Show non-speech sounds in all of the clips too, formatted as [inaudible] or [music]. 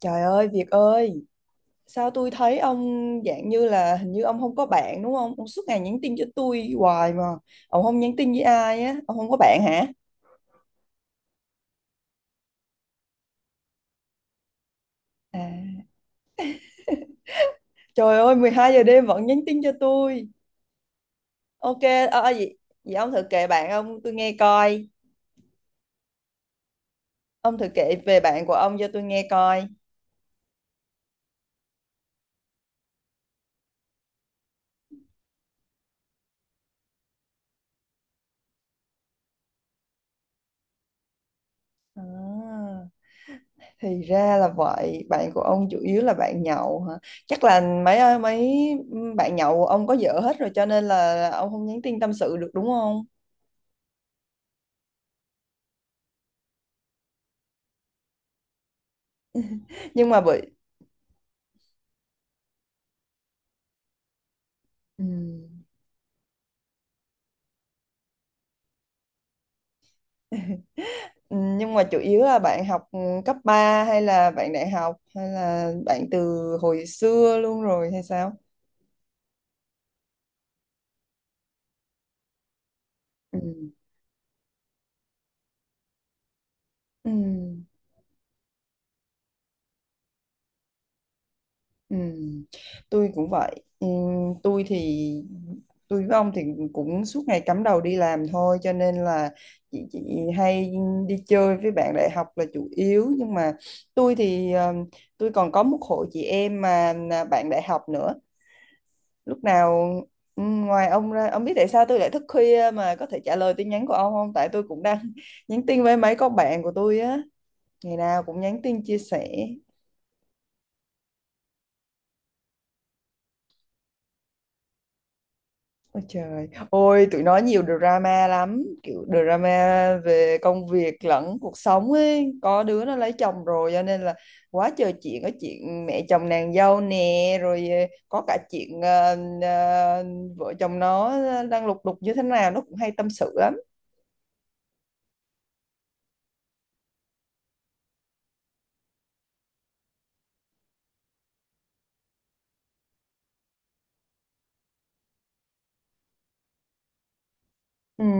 Trời ơi, Việt ơi, sao tôi thấy ông dạng như là hình như ông không có bạn đúng không? Ông suốt ngày nhắn tin cho tôi hoài mà. Ông không nhắn tin với ai á, ông không có bạn hả? À. Trời ơi, 12 giờ đêm vẫn nhắn tin cho tôi. Ok, vậy, vậy ông thử kể bạn ông tôi nghe coi. Ông thử kể về bạn của ông cho tôi nghe coi. À, thì ra là vậy, bạn của ông chủ yếu là bạn nhậu hả? Chắc là mấy mấy bạn nhậu của ông có vợ hết rồi cho nên là ông không nhắn tin tâm sự được đúng không? Nhưng mà bởi. Ừ. Nhưng mà chủ yếu là bạn học, ừ, cấp 3 hay là bạn đại học hay là bạn từ hồi xưa luôn rồi hay sao? Ừ. Ừ. Ừ. Tôi cũng vậy. Ừ, tôi thì tôi với ông thì cũng suốt ngày cắm đầu đi làm thôi cho nên là chị hay đi chơi với bạn đại học là chủ yếu, nhưng mà tôi thì tôi còn có một hội chị em mà là bạn đại học nữa lúc nào. Ừ, ngoài ông ra ông biết tại sao tôi lại thức khuya mà có thể trả lời tin nhắn của ông không, tại tôi cũng đang [laughs] nhắn tin với mấy con bạn của tôi á, ngày nào cũng nhắn tin chia sẻ. Ôi trời ôi, tụi nó nhiều drama lắm, kiểu drama về công việc lẫn cuộc sống ấy, có đứa nó lấy chồng rồi cho nên là quá trời chuyện, có chuyện mẹ chồng nàng dâu nè, rồi có cả chuyện ờ, vợ chồng nó đang lục đục như thế nào nó cũng hay tâm sự lắm. Ừm,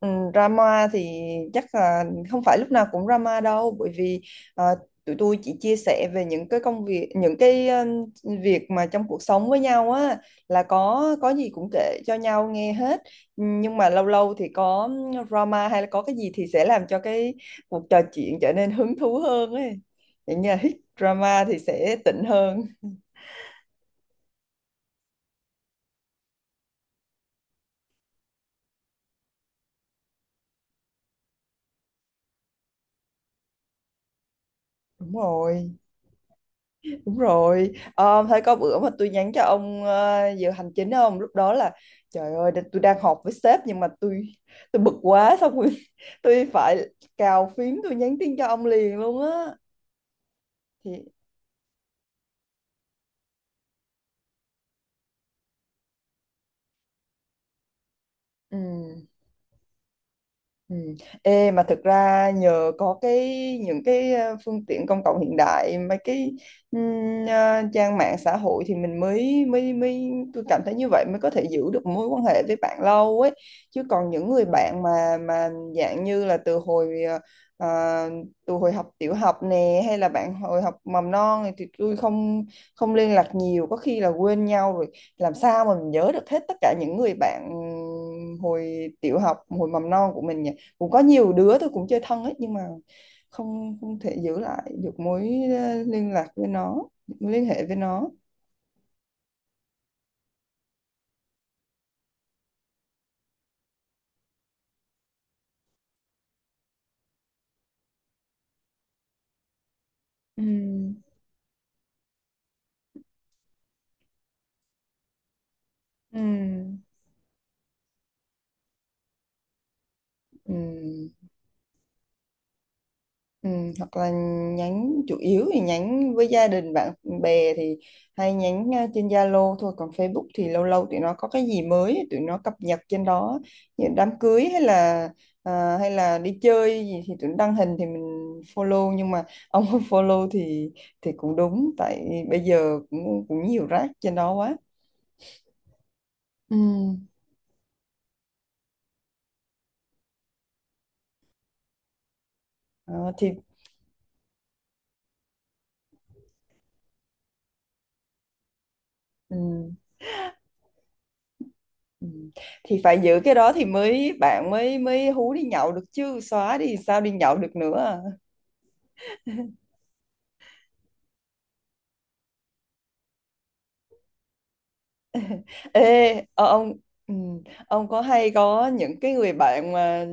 drama thì chắc là không phải lúc nào cũng drama đâu, bởi vì ờ, tụi tôi chỉ chia sẻ về những cái công việc, những cái việc mà trong cuộc sống với nhau á, là có gì cũng kể cho nhau nghe hết. Nhưng mà lâu lâu thì có drama hay là có cái gì thì sẽ làm cho cái cuộc trò chuyện trở nên hứng thú hơn ấy. Vậy như là drama thì sẽ tịnh hơn. Đúng rồi. Đúng rồi, ờ, thấy có bữa mà tôi nhắn cho ông ờ, giờ hành chính không? Lúc đó là trời ơi, tôi đang họp với sếp nhưng mà tôi bực quá xong rồi, [laughs] tôi phải cào phím tôi nhắn tin cho ông liền luôn á. Thì ừ. Ừ. Ê, mà thực ra nhờ có cái những cái phương tiện công cộng hiện đại, mấy cái trang mạng xã hội thì mình mới mới mới tôi cảm thấy như vậy mới có thể giữ được mối quan hệ với bạn lâu ấy, chứ còn những người bạn mà dạng như là từ hồi ờ, từ hồi học tiểu học nè hay là bạn hồi học mầm non này thì tôi không không liên lạc nhiều, có khi là quên nhau rồi, làm sao mà mình nhớ được hết tất cả những người bạn hồi tiểu học hồi mầm non của mình nhỉ. Cũng có nhiều đứa tôi cũng chơi thân ấy, nhưng mà không không thể giữ lại được mối liên lạc với nó, mối liên hệ với nó. Ừ. Ừ. Ừ. Ừ, hoặc là nhắn chủ yếu thì nhắn với gia đình, bạn bè thì hay nhắn trên Zalo thôi, còn Facebook thì lâu lâu tụi nó có cái gì mới tụi nó cập nhật trên đó, như đám cưới hay là hay là đi chơi gì thì tụi nó đăng hình thì mình follow, nhưng mà [laughs] ông không follow thì cũng đúng, tại bây giờ cũng cũng nhiều rác trên đó quá. Ừ. Ờ, thì ừ. Ừ. Thì phải giữ cái đó thì mới bạn mới mới hú đi nhậu được chứ xóa đi sao đi nhậu được nữa à. Ê ông, ừ, ông có hay có những cái người bạn mà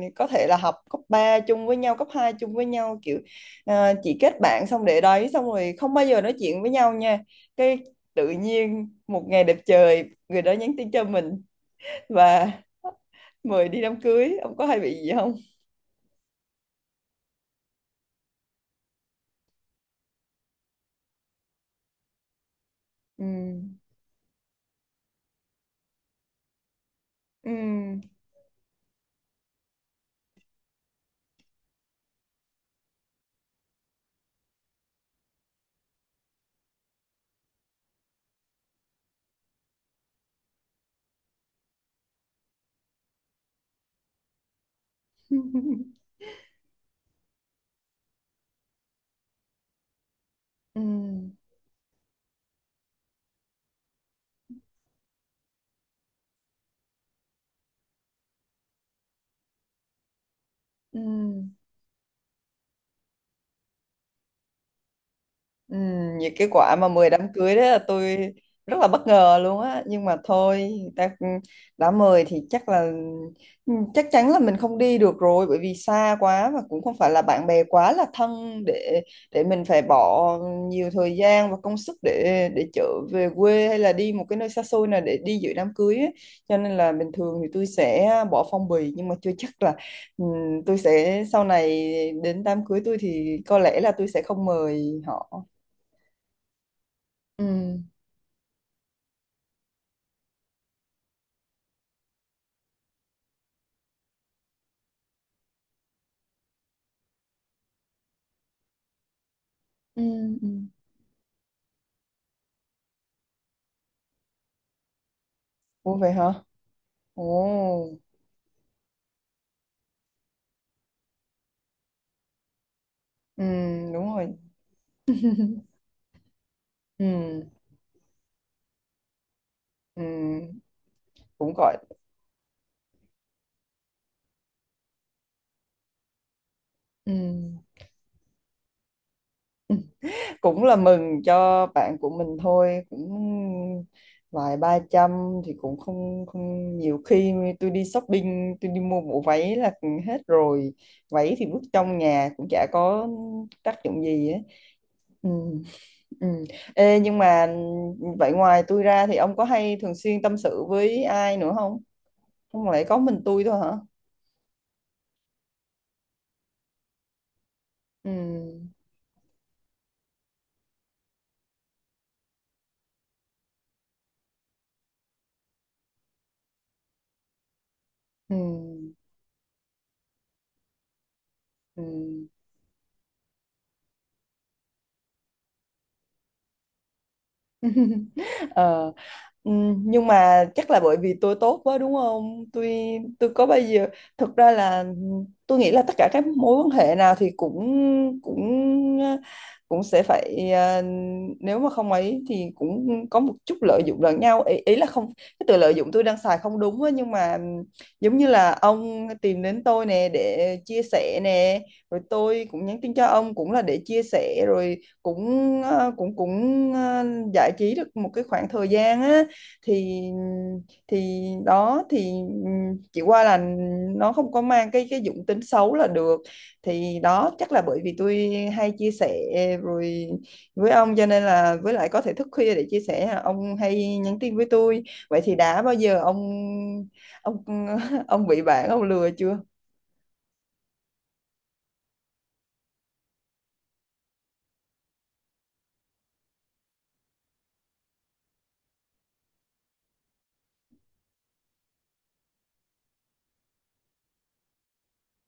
ừ, có thể là học cấp 3 chung với nhau, cấp 2 chung với nhau, kiểu à, chỉ kết bạn xong để đấy xong rồi không bao giờ nói chuyện với nhau nha, cái tự nhiên một ngày đẹp trời người đó nhắn tin cho mình và mời đi đám cưới, ông có hay bị gì không? Ừ. Ừ. [laughs] Ừ. Ừ. Ừ, những cái quả mà mời đám cưới đó là tôi rất là bất ngờ luôn á, nhưng mà thôi người ta cũng đã mời thì chắc là chắc chắn là mình không đi được rồi, bởi vì xa quá và cũng không phải là bạn bè quá là thân để mình phải bỏ nhiều thời gian và công sức để trở về quê hay là đi một cái nơi xa xôi nào để đi dự đám cưới ấy. Cho nên là bình thường thì tôi sẽ bỏ phong bì, nhưng mà chưa chắc là ừ, tôi sẽ sau này đến đám cưới tôi thì có lẽ là tôi sẽ không mời họ. Ừ. Ừ. Ừ. Ủa vậy hả. Ồ. Ừ đúng rồi. Ừ. Ừ. Cũng gọi. Ừ. [laughs] Cũng là mừng cho bạn của mình thôi, cũng vài ba trăm thì cũng không không nhiều, khi tôi đi shopping tôi đi mua bộ váy là hết rồi, váy thì vứt trong nhà cũng chả có tác dụng gì ấy. Ừ, ừ. Ê, nhưng mà vậy ngoài tôi ra thì ông có hay thường xuyên tâm sự với ai nữa không? Không lẽ có mình tôi thôi hả? Ừ, ừ, ừ. Ờ, nhưng mà chắc là bởi vì tôi tốt quá đúng không? Tôi có bao giờ thực ra là tôi nghĩ là tất cả các mối quan hệ nào thì cũng cũng cũng sẽ phải nếu mà không ấy thì cũng có một chút lợi dụng lẫn nhau ý, ý là không, cái từ lợi dụng tôi đang xài không đúng á, nhưng mà giống như là ông tìm đến tôi nè để chia sẻ nè, rồi tôi cũng nhắn tin cho ông cũng là để chia sẻ, rồi cũng ờ, cũng cũng ờ, giải trí được một cái khoảng thời gian á, thì thì đó thì chỉ qua là nó không có mang cái dụng tính xấu là được, thì đó chắc là bởi vì tôi hay chia sẻ rồi với ông, cho nên là với lại có thể thức khuya để chia sẻ à, ông hay nhắn tin với tôi. Vậy thì đã bao giờ ông ông [laughs] ông bị bạn ông lừa chưa?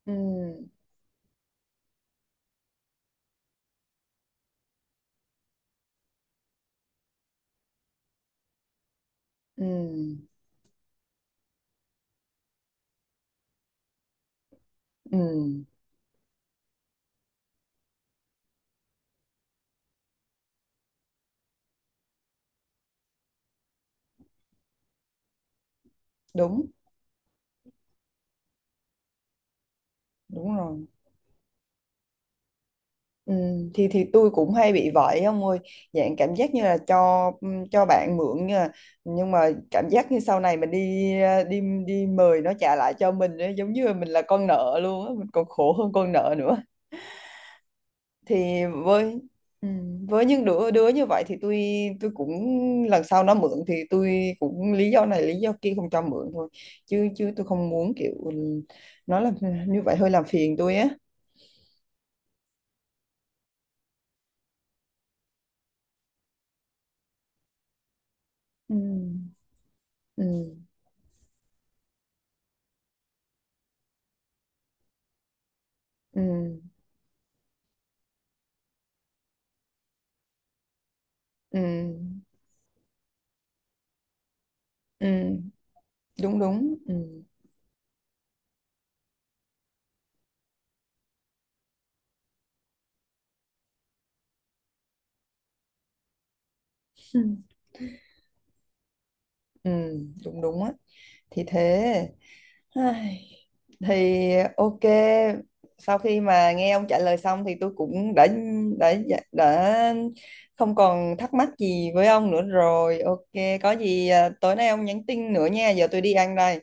Ừ. Ừ. Ừ. Đúng đúng rồi. Ừ, thì tôi cũng hay bị vậy ông ơi, dạng cảm giác như là cho ừ, cho bạn mượn, nhưng mà cảm giác như sau này mình đi à, đi đi mời nó trả lại cho mình ấy, giống như là mình là con nợ luôn á, mình còn khổ hơn con nợ nữa. Thì với ừ, với những đứa đứa như vậy thì tôi cũng lần sau nó mượn thì tôi cũng lý do này lý do kia không cho mượn thôi, chứ chứ tôi không muốn kiểu nó là như vậy hơi làm phiền tôi á. Ừ, ừ, ừ, ừ. Ừ, đúng đúng, ừ. Ừ. Ừ, đúng đúng á, thì thế. Ai, thì ok, sau khi mà nghe ông trả lời xong thì tôi cũng đã dạ, đã không còn thắc mắc gì với ông nữa rồi, ok, có gì à, tối nay ông nhắn tin nữa nha, giờ tôi đi ăn đây.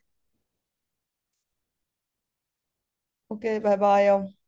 Ok bye bye ông.